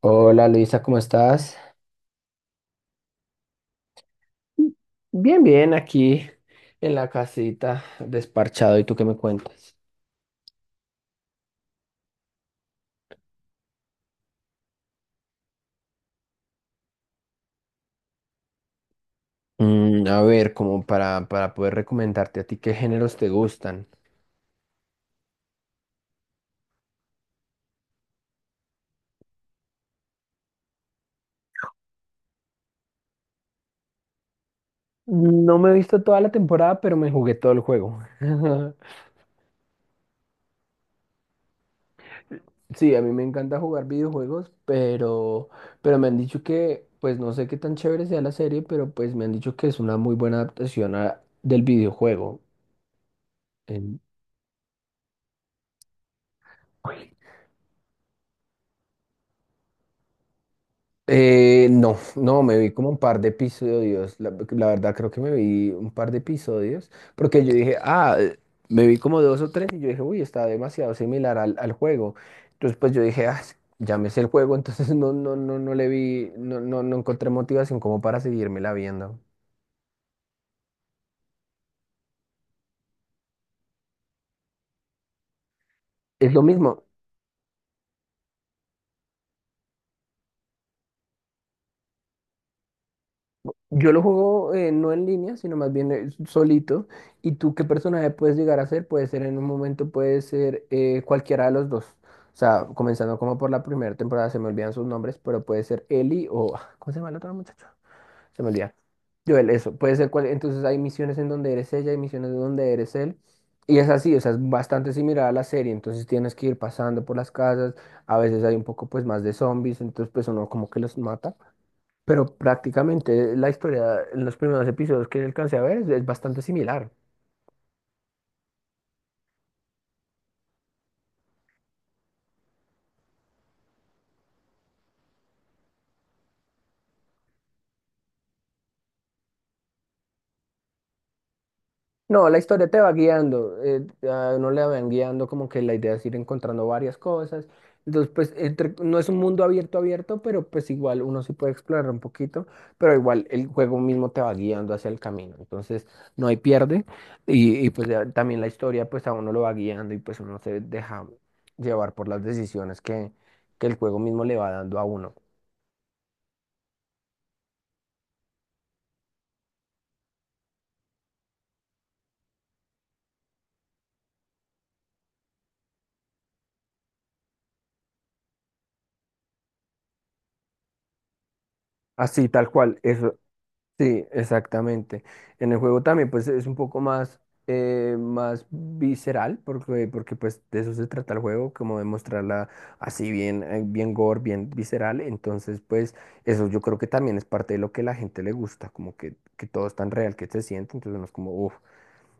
Hola Luisa, ¿cómo estás? Bien, bien, aquí en la casita, desparchado. ¿Y tú qué me cuentas? A ver, como para poder recomendarte a ti qué géneros te gustan. No me he visto toda la temporada, pero me jugué todo el juego. Sí, a mí me encanta jugar videojuegos, pero me han dicho que, pues no sé qué tan chévere sea la serie, pero pues me han dicho que es una muy buena adaptación del videojuego. En- no, no, me vi como un par de episodios. La verdad, creo que me vi un par de episodios. Porque yo dije, me vi como dos o tres. Y yo dije, uy, está demasiado similar al juego. Entonces, pues yo dije, ya me sé el juego. Entonces, no, no, no, no le vi, no, no, no encontré motivación como para seguírmela viendo. Es lo mismo. Yo lo juego no en línea, sino más bien solito. ¿Y tú qué personaje puedes llegar a ser? Puede ser en un momento, puede ser cualquiera de los dos. O sea, comenzando como por la primera temporada, se me olvidan sus nombres, pero puede ser Eli o... ah, ¿cómo se llama el otro muchacho? Se me olvida. Joel, eso. Puede ser cual... Entonces hay misiones en donde eres ella, hay misiones en donde eres él. Y es así, o sea, es bastante similar a la serie. Entonces tienes que ir pasando por las casas. A veces hay un poco pues más de zombies, entonces pues uno como que los mata. Pero prácticamente la historia en los primeros episodios que alcancé a ver es bastante similar. No, la historia te va guiando, a uno le van guiando como que la idea es ir encontrando varias cosas. Entonces, no es un mundo abierto, pero pues igual uno sí puede explorar un poquito, pero igual el juego mismo te va guiando hacia el camino. Entonces, no hay pierde pues ya también la historia pues a uno lo va guiando y pues uno se deja llevar por las decisiones que el juego mismo le va dando a uno. Así, tal cual. Eso, sí, exactamente. En el juego también pues es un poco más, más visceral porque pues de eso se trata el juego, como de mostrarla así bien, bien gore, bien visceral. Entonces pues eso yo creo que también es parte de lo que la gente le gusta, como que todo es tan real que se siente, entonces uno es como, uff,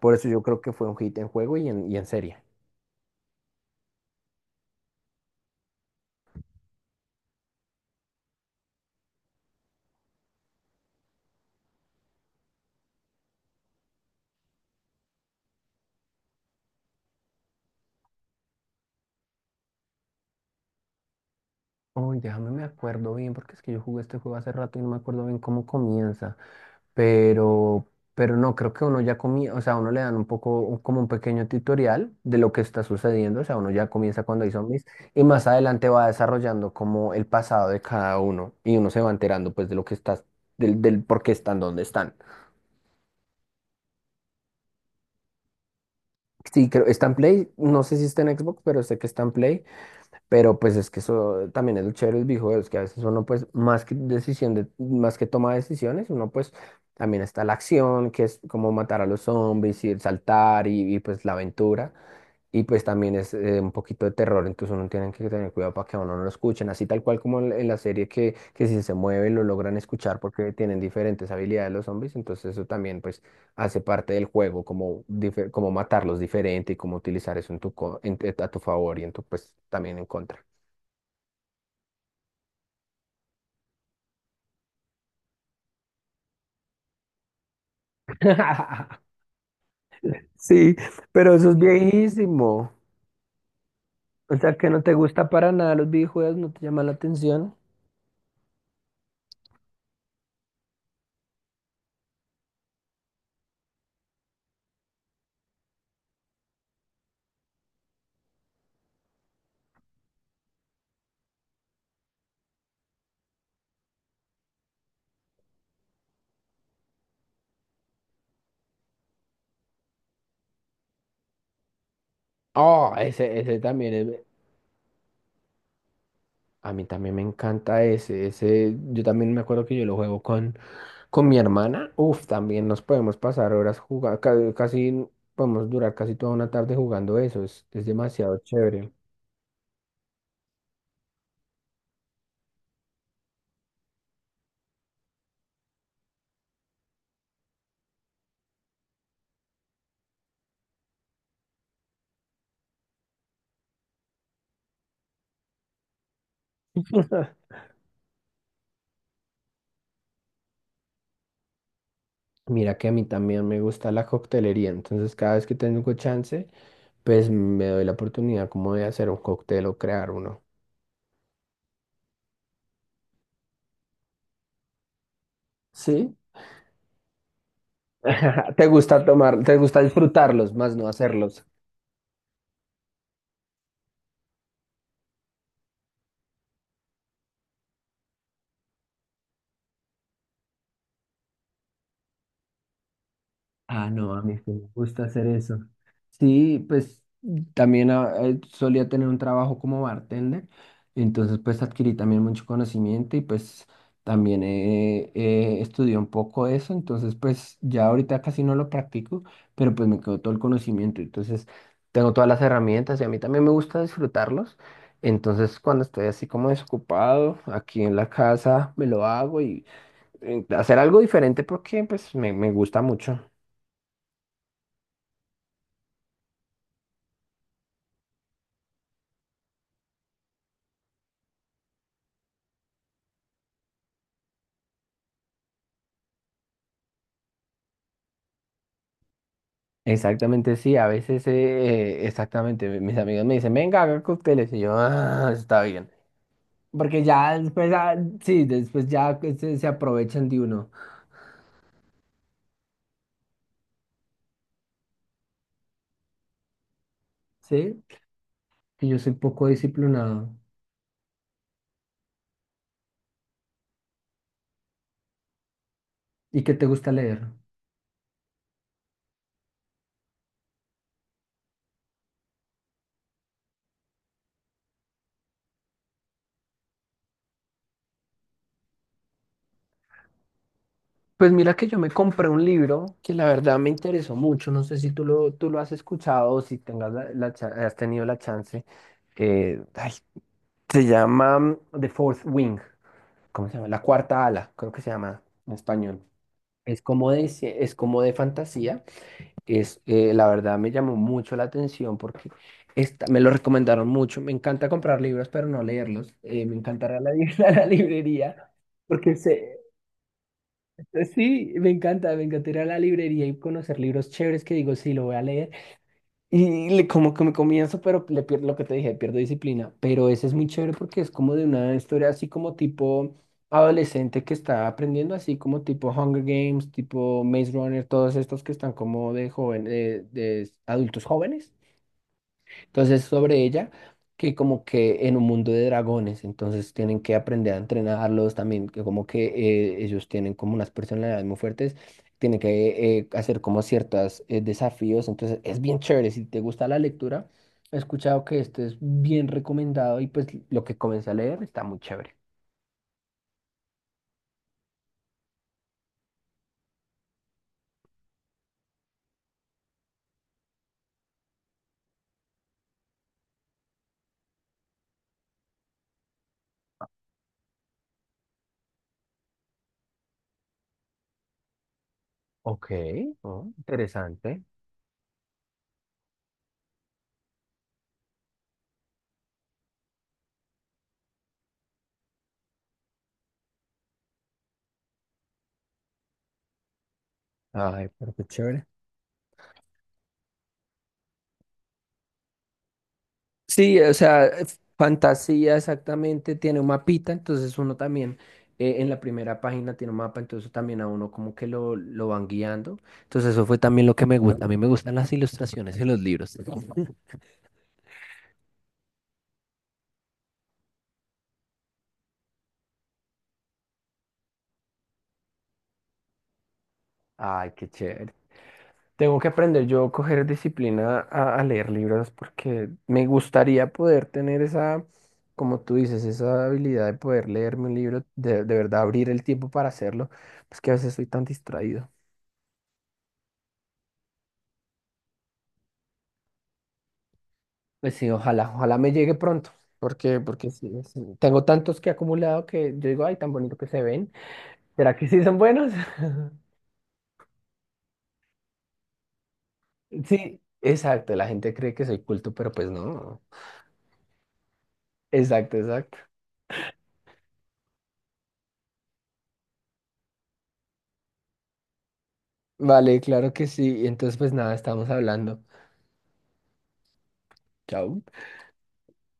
por eso yo creo que fue un hit en juego y y en serie. Uy, déjame me acuerdo bien, porque es que yo jugué este juego hace rato y no me acuerdo bien cómo comienza. Pero, pero no, creo que uno ya comía o sea, a uno le dan un poco como un pequeño tutorial de lo que está sucediendo, o sea, uno ya comienza cuando hay zombies y más adelante va desarrollando como el pasado de cada uno y uno se va enterando pues de lo que del por qué están donde están. Sí, creo, está en Play, no sé si está en Xbox, pero sé que está en Play. Pero pues es que eso también es lo chévere del videojuegos, que a veces uno pues más que más que toma decisiones, uno pues también está la acción, que es como matar a los zombies y el saltar pues la aventura. Y pues también es un poquito de terror, entonces uno tiene que tener cuidado para que a uno no lo escuchen, así tal cual como en la serie que si se mueve lo logran escuchar porque tienen diferentes habilidades los zombies, entonces eso también pues hace parte del juego, como, como matarlos diferente y cómo utilizar eso en a tu favor y en tu pues también en contra. Sí, pero eso es viejísimo. O sea, que no te gusta para nada los videojuegos, no te llama la atención. Oh, ese también es. A mí también me encanta ese. Ese, yo también me acuerdo que yo lo juego con mi hermana. Uf, también nos podemos pasar horas jugando. Casi podemos durar casi toda una tarde jugando eso. Es demasiado chévere. Mira que a mí también me gusta la coctelería. Entonces, cada vez que tengo chance, pues me doy la oportunidad como de hacer un cóctel o crear uno. Sí. Te gusta tomar, te gusta disfrutarlos, más no hacerlos. Ah, no, a mí sí me gusta hacer eso. Sí, pues también solía tener un trabajo como bartender, entonces pues adquirí también mucho conocimiento y pues también estudié un poco eso, entonces pues ya ahorita casi no lo practico, pero pues me quedó todo el conocimiento, entonces tengo todas las herramientas y a mí también me gusta disfrutarlos, entonces cuando estoy así como desocupado aquí en la casa me lo hago hacer algo diferente porque pues me gusta mucho. Exactamente, sí, a veces, exactamente, mis amigos me dicen, venga, haga cócteles, y yo, ah, está bien, porque ya después, ah, sí, después ya que se aprovechan de uno, ¿sí? Que yo soy poco disciplinado. ¿Y qué te gusta leer? Pues mira que yo me compré un libro que la verdad me interesó mucho, no sé si tú lo has escuchado o si tengas has tenido la chance, eh, ay, se llama The Fourth Wing. ¿Cómo se llama? La cuarta ala, creo que se llama en español. Es como de, es como de fantasía. La verdad me llamó mucho la atención porque me lo recomendaron mucho. Me encanta comprar libros, pero no leerlos. Me encantará a la librería. Porque se, sí, me encanta, me encantaría la librería y conocer libros chéveres que digo, sí, lo voy a leer como que me comienzo, pero le pierdo lo que te dije, pierdo disciplina. Pero ese es muy chévere porque es como de una historia así como tipo adolescente que está aprendiendo, así como tipo Hunger Games, tipo Maze Runner, todos estos que están como de joven, de adultos jóvenes. Entonces, sobre ella, que como que en un mundo de dragones, entonces tienen que aprender a entrenarlos también, que como que ellos tienen como unas personalidades muy fuertes, tienen que hacer como ciertos desafíos, entonces es bien chévere. Si te gusta la lectura, he escuchado que este es bien recomendado y pues lo que comencé a leer está muy chévere. Ok, oh, interesante. Ay, pero qué chévere. Sí, o sea, fantasía exactamente, tiene un mapita, entonces uno también en la primera página tiene un mapa, entonces también a uno como que lo van guiando. Entonces eso fue también lo que me gusta. A mí me gustan las ilustraciones en los libros. Ay, qué chévere. Tengo que aprender yo a coger disciplina a leer libros porque me gustaría poder tener esa, como tú dices, esa habilidad de poder leerme un libro, de verdad abrir el tiempo para hacerlo, pues que a veces soy tan distraído. Pues sí, ojalá me llegue pronto, porque sí, sí, tengo tantos que he acumulado que yo digo, ay, tan bonito que se ven. ¿Será que sí son buenos? Sí, exacto, la gente cree que soy culto, pero pues no. Exacto, exacto. Vale, claro que sí. Entonces, pues nada, estamos hablando. Chao.